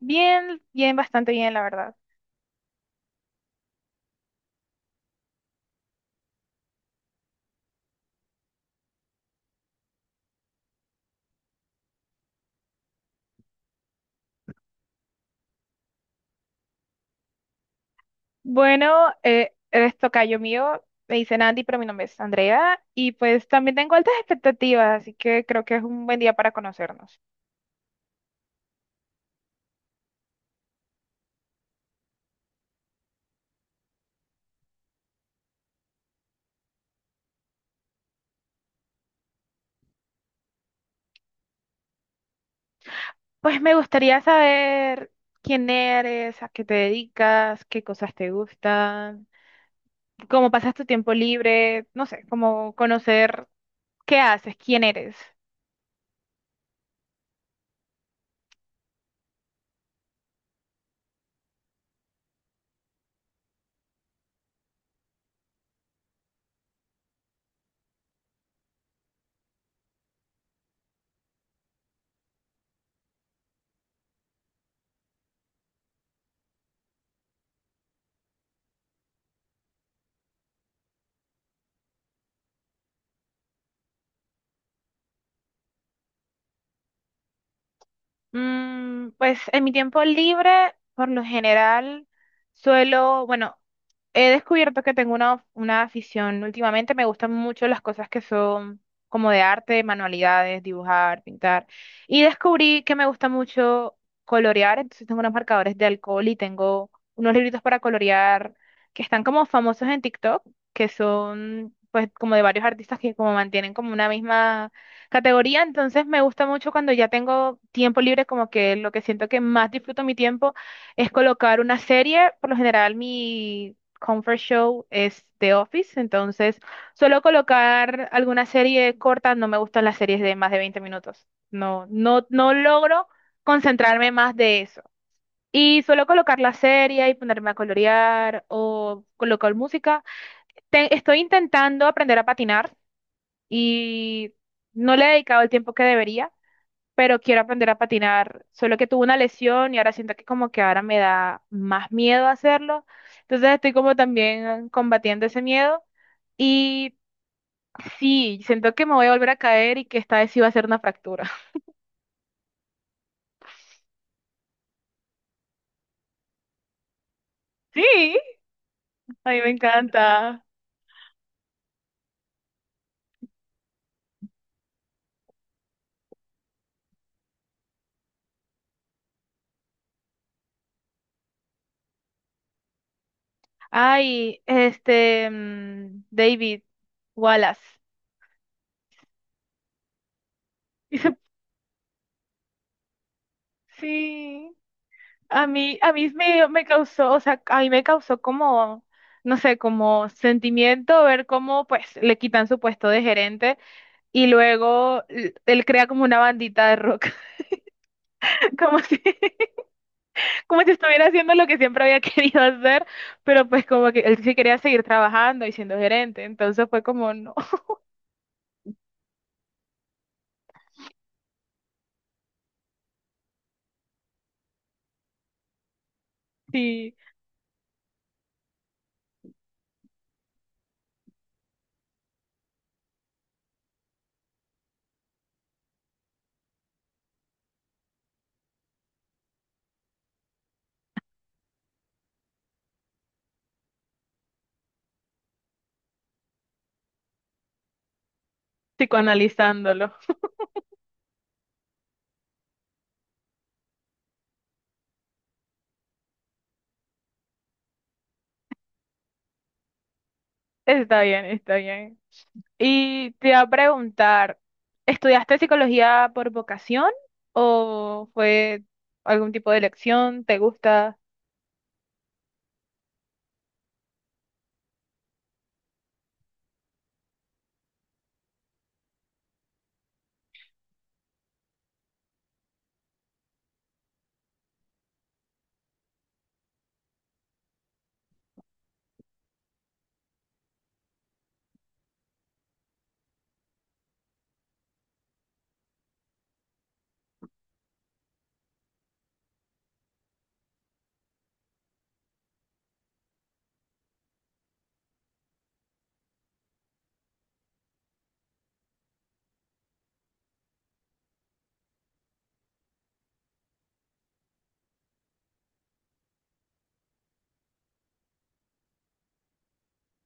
Bien, bien, bastante bien, la verdad. Bueno, eres tocayo mío, me dicen Andy, pero mi nombre es Andrea, y pues también tengo altas expectativas, así que creo que es un buen día para conocernos. Pues me gustaría saber quién eres, a qué te dedicas, qué cosas te gustan, cómo pasas tu tiempo libre, no sé, como conocer qué haces, quién eres. Mm, pues en mi tiempo libre, por lo general, suelo, bueno, he descubierto que tengo una afición últimamente, me gustan mucho las cosas que son como de arte, manualidades, dibujar, pintar, y descubrí que me gusta mucho colorear, entonces tengo unos marcadores de alcohol y tengo unos libritos para colorear que están como famosos en TikTok, que son pues como de varios artistas que como mantienen como una misma categoría, entonces me gusta mucho cuando ya tengo tiempo libre, como que lo que siento que más disfruto mi tiempo es colocar una serie. Por lo general, mi comfort show es The Office, entonces suelo colocar alguna serie corta, no me gustan las series de más de 20 minutos. No, no, no logro concentrarme más de eso. Y suelo colocar la serie y ponerme a colorear o colocar música. Estoy intentando aprender a patinar y no le he dedicado el tiempo que debería, pero quiero aprender a patinar, solo que tuve una lesión y ahora siento que como que ahora me da más miedo hacerlo, entonces estoy como también combatiendo ese miedo y sí, siento que me voy a volver a caer y que esta vez sí va a ser una fractura. Sí, a mí me encanta. Ay, este, David Wallace. Sí. A mí me causó, o sea, a mí me causó como, no sé, como sentimiento ver cómo pues le quitan su puesto de gerente y luego él crea como una bandita de rock, como si, como si estuviera haciendo lo que siempre había querido hacer, pero pues como que él sí quería seguir trabajando y siendo gerente, entonces fue como, no, sí, psicoanalizándolo. Está bien, está bien. Y te iba a preguntar, ¿estudiaste psicología por vocación o fue algún tipo de elección? ¿Te gusta?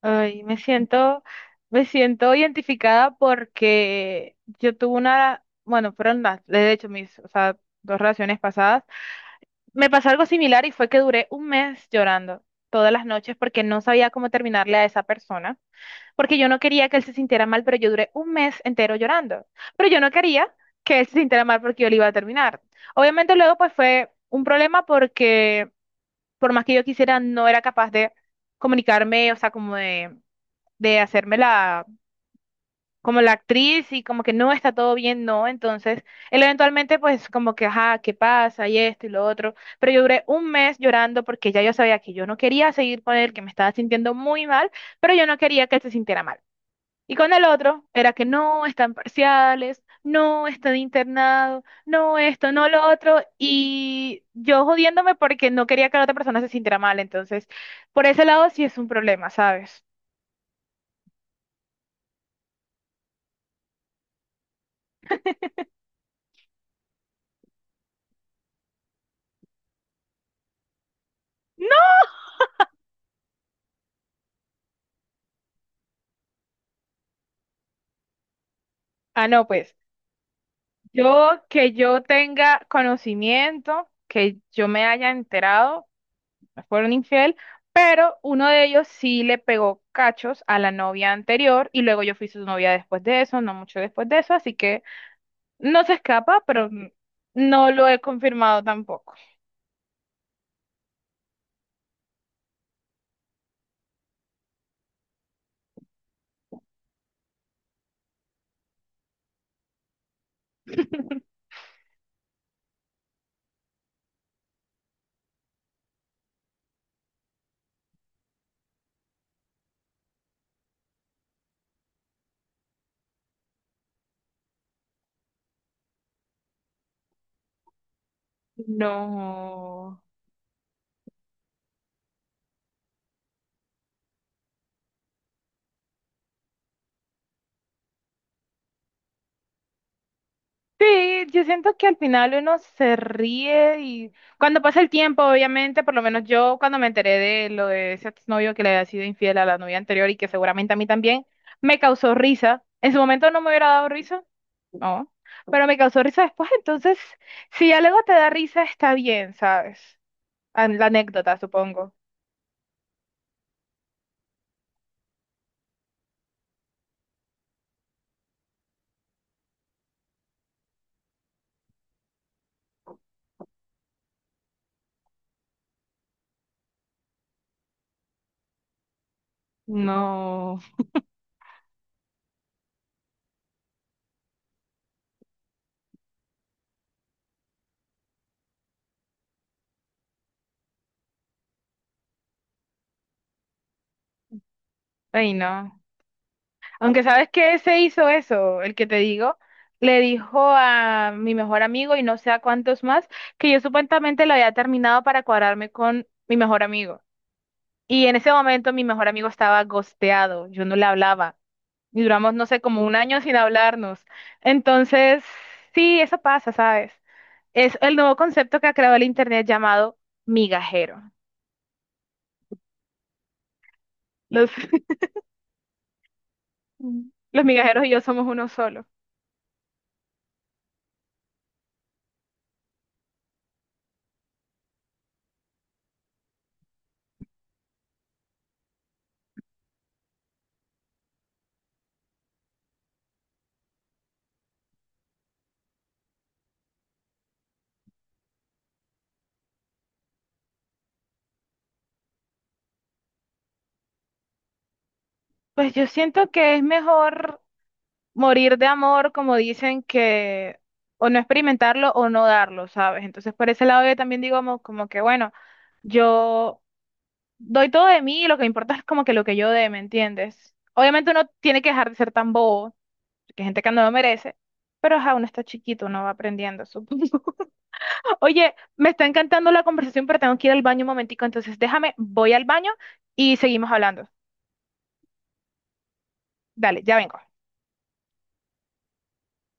Ay, me siento identificada porque yo tuve una, bueno, fueron las, de hecho, mis, o sea, dos relaciones pasadas. Me pasó algo similar y fue que duré un mes llorando todas las noches porque no sabía cómo terminarle a esa persona. Porque yo no quería que él se sintiera mal, pero yo duré un mes entero llorando. Pero yo no quería que él se sintiera mal porque yo le iba a terminar. Obviamente luego pues fue un problema porque por más que yo quisiera, no era capaz de comunicarme, o sea, como de hacerme la, como la actriz y como que no está todo bien, no. Entonces, él eventualmente pues como que, ajá, ¿qué pasa? Y esto y lo otro. Pero yo duré un mes llorando porque ya yo sabía que yo no quería seguir con él, que me estaba sintiendo muy mal, pero yo no quería que él se sintiera mal. Y con el otro era que no están parciales, no están internado, no esto, no lo otro. Y yo jodiéndome porque no quería que la otra persona se sintiera mal. Entonces, por ese lado sí es un problema, ¿sabes? No. Ah, no, pues yo que yo tenga conocimiento, que yo me haya enterado, me fueron infiel, pero uno de ellos sí le pegó cachos a la novia anterior y luego yo fui su novia después de eso, no mucho después de eso, así que no se escapa, pero no lo he confirmado tampoco. No. Sí, yo siento que al final uno se ríe y cuando pasa el tiempo, obviamente, por lo menos yo cuando me enteré de lo de ese exnovio que le había sido infiel a la novia anterior y que seguramente a mí también, me causó risa. En su momento no me hubiera dado risa, no, pero me causó risa después, entonces, si algo te da risa, está bien, ¿sabes? La anécdota, supongo. No. Ay, no. Aunque sabes que se hizo eso, el que te digo, le dijo a mi mejor amigo y no sé a cuántos más, que yo supuestamente lo había terminado para cuadrarme con mi mejor amigo. Y en ese momento mi mejor amigo estaba gosteado, yo no le hablaba. Y duramos, no sé, como un año sin hablarnos. Entonces, sí, eso pasa, ¿sabes? Es el nuevo concepto que ha creado el internet llamado migajero. Los, los migajeros y yo somos uno solo. Pues yo siento que es mejor morir de amor, como dicen que o no experimentarlo o no darlo, ¿sabes? Entonces, por ese lado yo también digo como, como que, bueno, yo doy todo de mí y lo que importa es como que lo que yo dé, ¿me entiendes? Obviamente uno tiene que dejar de ser tan bobo, que hay gente que no lo merece, pero ajá, uno está chiquito, uno va aprendiendo, supongo. Oye, me está encantando la conversación, pero tengo que ir al baño un momentico, entonces déjame, voy al baño y seguimos hablando. Dale, ya vengo.